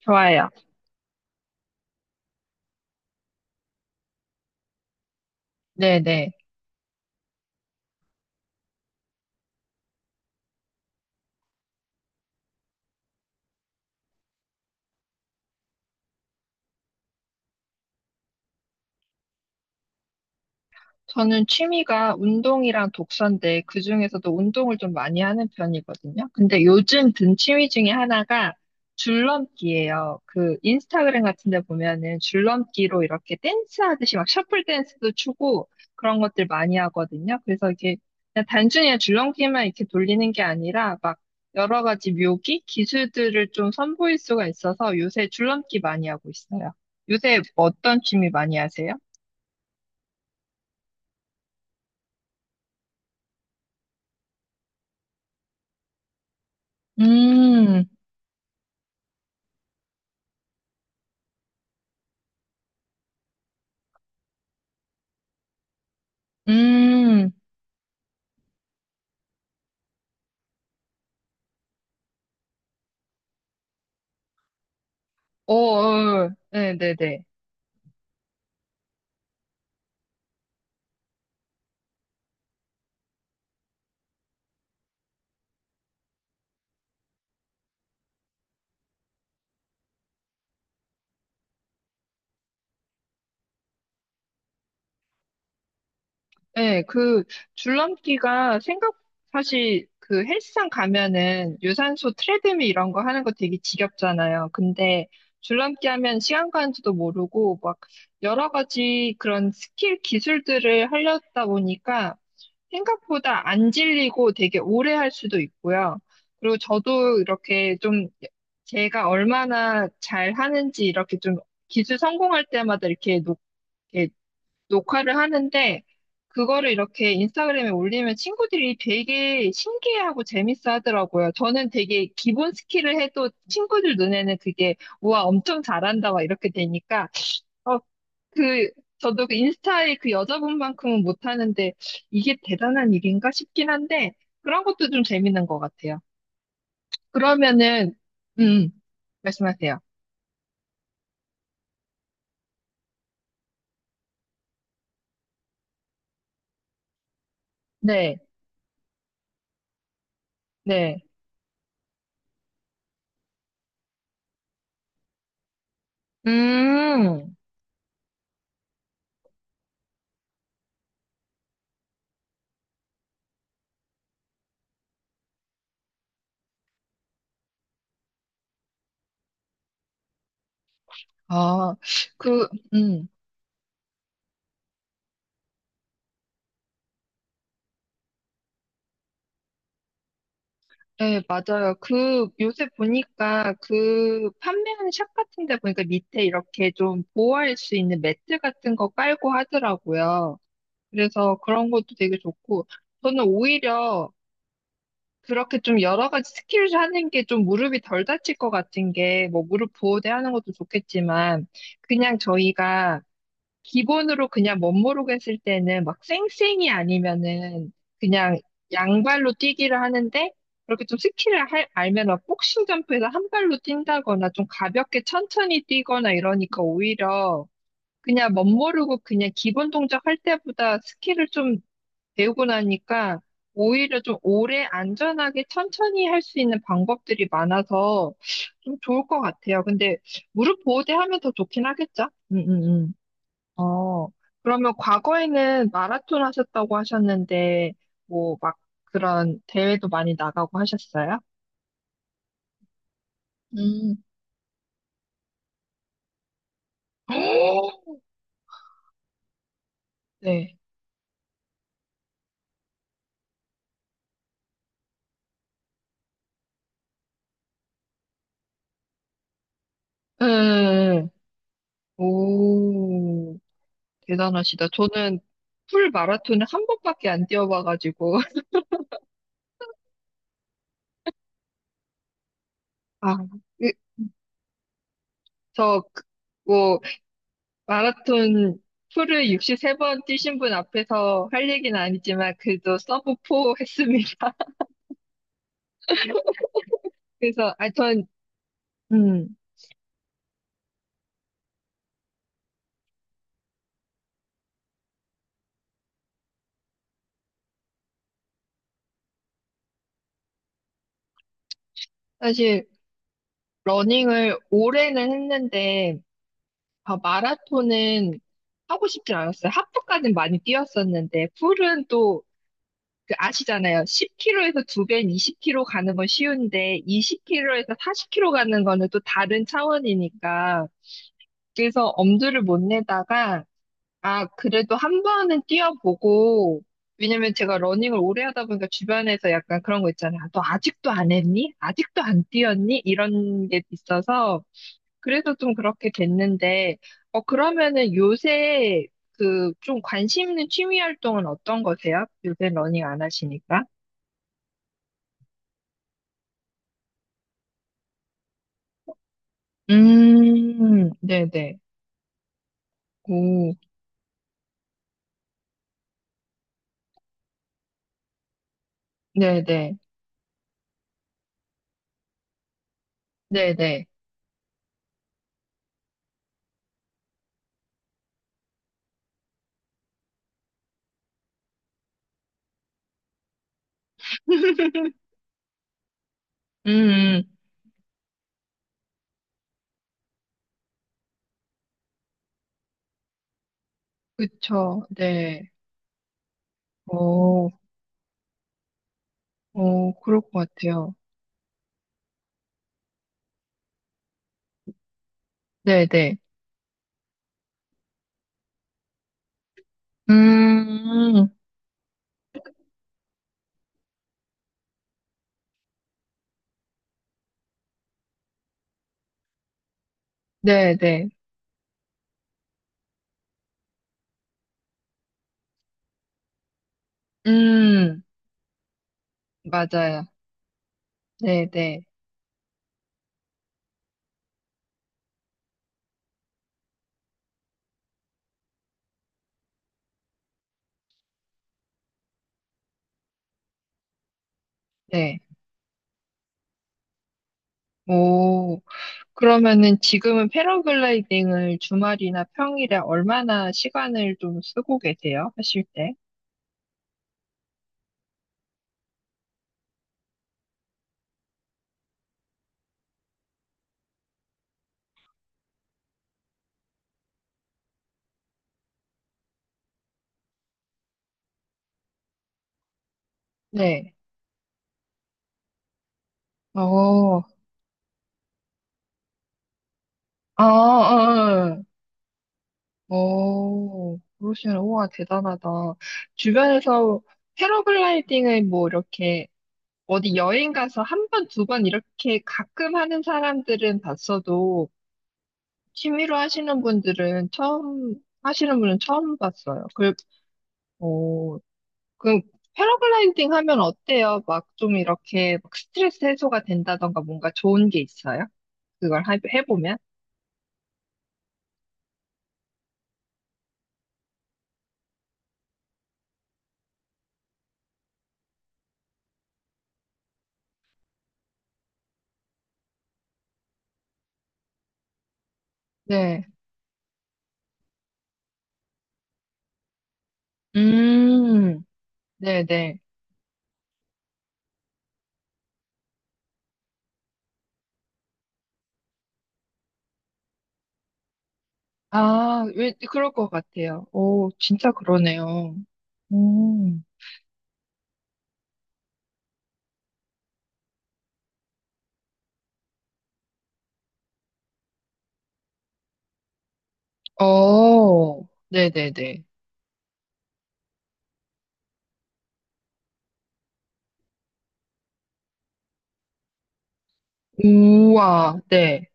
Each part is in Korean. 좋아요. 저는 취미가 운동이랑 독서인데 그중에서도 운동을 좀 많이 하는 편이거든요. 근데 요즘 든 취미 중에 하나가 줄넘기예요. 그 인스타그램 같은 데 보면은 줄넘기로 이렇게 댄스 하듯이 막 셔플 댄스도 추고 그런 것들 많이 하거든요. 그래서 이게 그냥 단순히 줄넘기만 이렇게 돌리는 게 아니라 막 여러 가지 묘기, 기술들을 좀 선보일 수가 있어서 요새 줄넘기 많이 하고 있어요. 요새 어떤 취미 많이 하세요? 음, 음, 어, 어, 네네네. 네, 그 줄넘기가 생각 사실 그 헬스장 가면은 유산소 트레드밀 이런 거 하는 거 되게 지겹잖아요. 근데 줄넘기 하면 시간 가는지도 모르고 막 여러 가지 그런 스킬 기술들을 하려다 보니까 생각보다 안 질리고 되게 오래 할 수도 있고요. 그리고 저도 이렇게 좀 제가 얼마나 잘 하는지 이렇게 좀 기술 성공할 때마다 이렇게 녹화를 하는데 그거를 이렇게 인스타그램에 올리면 친구들이 되게 신기해하고 재밌어 하더라고요. 저는 되게 기본 스킬을 해도 친구들 눈에는 그게 우와 엄청 잘한다 막 이렇게 되니까 어, 그 저도 그 인스타에 그 여자분만큼은 못하는데 이게 대단한 일인가 싶긴 한데 그런 것도 좀 재밌는 것 같아요. 그러면은 음 말씀하세요. 네, 네. 음, 아, 그, 음. 네, 맞아요. 그, 요새 보니까 그 판매하는 샵 같은 데 보니까 밑에 이렇게 좀 보호할 수 있는 매트 같은 거 깔고 하더라고요. 그래서 그런 것도 되게 좋고, 저는 오히려 그렇게 좀 여러 가지 스킬을 하는 게 좀 무릎이 덜 다칠 것 같은 게, 뭐 무릎 보호대 하는 것도 좋겠지만, 그냥 저희가 기본으로 그냥 멋모르고 했을 때는 막 쌩쌩이 아니면은 그냥 양발로 뛰기를 하는데 그렇게 좀 알면 막 복싱 점프에서 한 발로 뛴다거나 좀 가볍게 천천히 뛰거나 이러니까 오히려 그냥 멋모르고 그냥 기본 동작 할 때보다 스킬을 좀 배우고 나니까 오히려 좀 오래 안전하게 천천히 할 수 있는 방법들이 많아서 좀 좋을 것 같아요. 근데 무릎 보호대 하면 더 좋긴 하겠죠? 어, 그러면 과거에는 마라톤 하셨다고 하셨는데, 뭐, 막 그런 대회도 많이 나가고 하셨어요? 음, 네. 네. 네. 오, 대단하시다. 저는 풀 마라톤을 한 번밖에 안 뛰어봐가지고, 아, 그- 저, 그- 뭐, 마라톤 풀을 63번 뛰신 분 앞에서 할 얘기는 아니지만, 그래도 서브 4 했습니다. 그래서, 음, 사실, 러닝을 오래는 했는데, 아, 마라톤은 하고 싶진 않았어요. 하프까지는 많이 뛰었었는데, 풀은 또, 그 아시잖아요. 10km에서 두 배인 20km 가는 건 쉬운데, 20km에서 40km 가는 거는 또 다른 차원이니까. 그래서 엄두를 못 내다가, 아, 그래도 한 번은 뛰어보고, 왜냐면 제가 러닝을 오래 하다 보니까 주변에서 약간 그런 거 있잖아요. 아, 너 아직도 안 했니? 아직도 안 뛰었니? 이런 게 있어서, 그래서 좀 그렇게 됐는데, 어, 그러면은 요새 그 좀 관심 있는 취미 활동은 어떤 거세요? 요새 러닝 안 하시니까? 네네. 오, 네네. 네네. 음, 음, 그쵸. 네. 오, 오, 그럴 것 같아요. 네네. 음, 네네. 음, 맞아요. 네네. 네. 오. 그러면은 지금은 패러글라이딩을 주말이나 평일에 얼마나 시간을 좀 쓰고 계세요? 하실 때? 네. 어, 아, 아, 아. 어, 그러시면, 우와, 대단하다. 주변에서 패러글라이딩을 뭐 이렇게 어디 여행 가서 한 번, 두 번 이렇게 가끔 하는 사람들은 봤어도 취미로 하시는 분들은 처음, 하시는 분은 처음 봤어요. 어, 그 패러글라이딩 하면 어때요? 막 좀 이렇게 막 스트레스 해소가 된다던가 뭔가 좋은 게 있어요? 해보면? 네. 음, 네네. 아, 왜, 그럴 것 같아요. 오, 진짜 그러네요. 음, 어, 네네네. 우와, 네.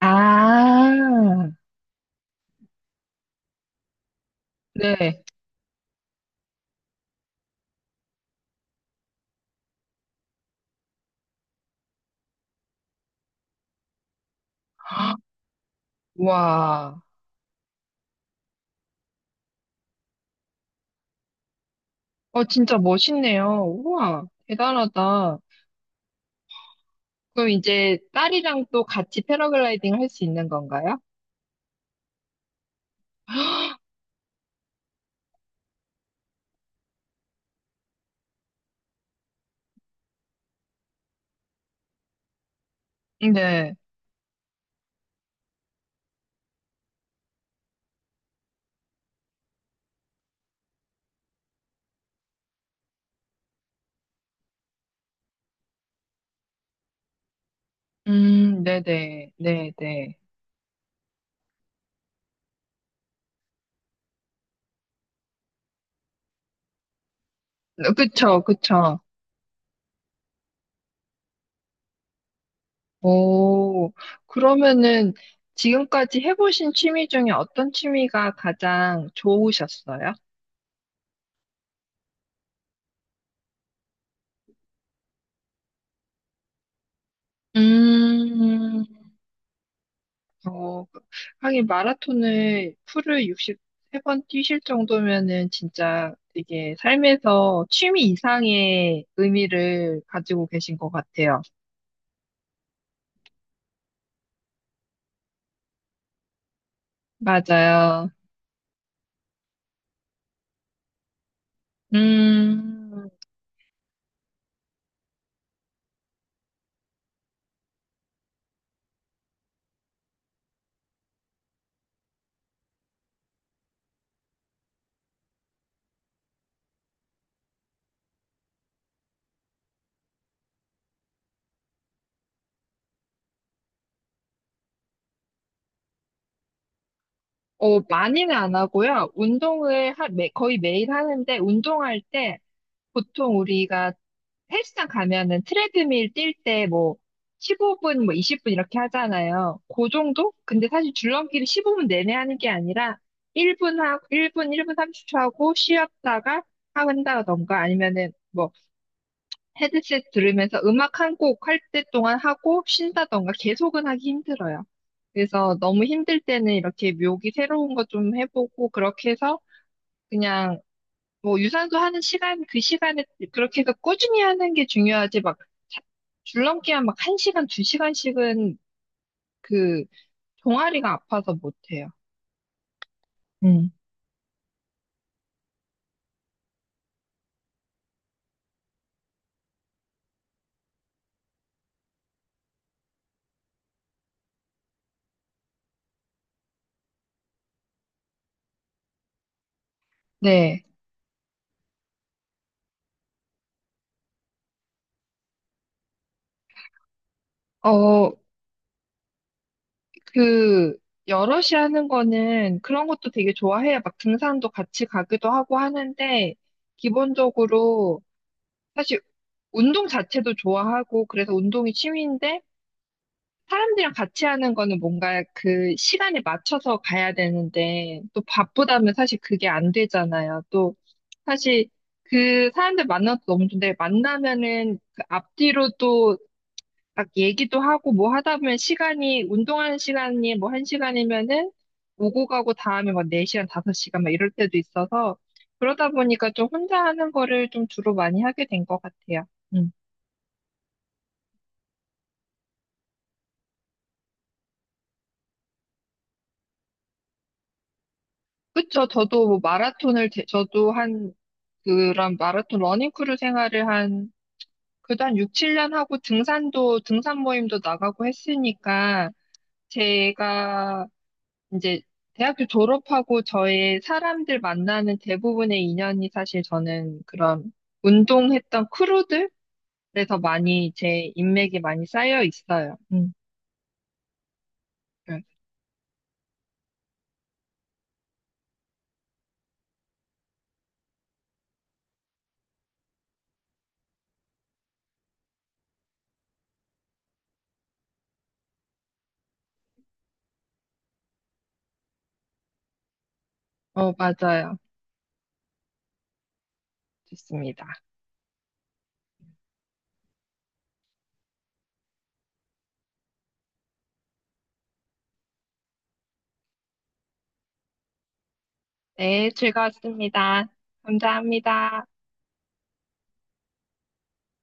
아, 네. 우와. 어, 진짜 멋있네요. 우와, 대단하다. 그럼 이제 딸이랑 또 같이 패러글라이딩 할 수 있는 건가요? 네. 네네. 네네. 그쵸, 그쵸. 오, 그러면은 지금까지 해보신 취미 중에 어떤 취미가 가장 좋으셨어요? 음, 어, 하긴 마라톤을 풀을 63번 뛰실 정도면은 진짜 되게 삶에서 취미 이상의 의미를 가지고 계신 것 같아요. 맞아요. 음, 어, 많이는 안 하고요. 거의 매일 하는데, 운동할 때, 보통 우리가 헬스장 가면은 트레드밀 뛸 때 뭐, 15분, 뭐 20분 이렇게 하잖아요. 그 정도? 근데 사실 줄넘기를 15분 내내 하는 게 아니라, 1분 하고, 1분, 1분 30초 하고, 쉬었다가 한다던가, 아니면은 뭐, 헤드셋 들으면서 음악 한 곡 할 때 동안 하고 쉰다던가 계속은 하기 힘들어요. 그래서 너무 힘들 때는 이렇게 묘기 새로운 거 좀 해보고 그렇게 해서 그냥 뭐 유산소 하는 시간 그 시간에 그렇게 해서 꾸준히 하는 게 중요하지 자- 줄넘기한 막 한시간두시간씩은그 종아리가 아파서 못해요. 음. 네. 어, 그, 여럿이 하는 거는 그런 것도 되게 좋아해요. 막 등산도 같이 가기도 하고 하는데, 기본적으로 사실 운동 자체도 좋아하고, 그래서 운동이 취미인데, 사람들이랑 같이 하는 거는 뭔가 그 시간에 맞춰서 가야 되는데, 또 바쁘다면 사실 그게 안 되잖아요. 또, 사실 그 사람들 만나도 너무 좋은데, 만나면은 그 앞뒤로 막 얘기도 하고 뭐 하다 보면 시간이, 운동하는 시간이 뭐 한 시간이면은 오고 가고 다음에 막 4시간, 5시간 막 이럴 때도 있어서 그러다 보니까 좀 혼자 하는 거를 좀 주로 많이 하게 된 것 같아요. 음. 그쵸. 저도 한 그런 마라톤 러닝크루 생활을 한, 그도 한 6, 7년 하고 등산도, 등산 모임도 나가고 했으니까 제가 이제 대학교 졸업하고 저의 사람들 만나는 대부분의 인연이 사실 저는 그런 운동했던 크루들에서 많이 제 인맥이 많이 쌓여 있어요. 네. 어, 맞아요. 좋습니다. 네, 즐거웠습니다. 감사합니다.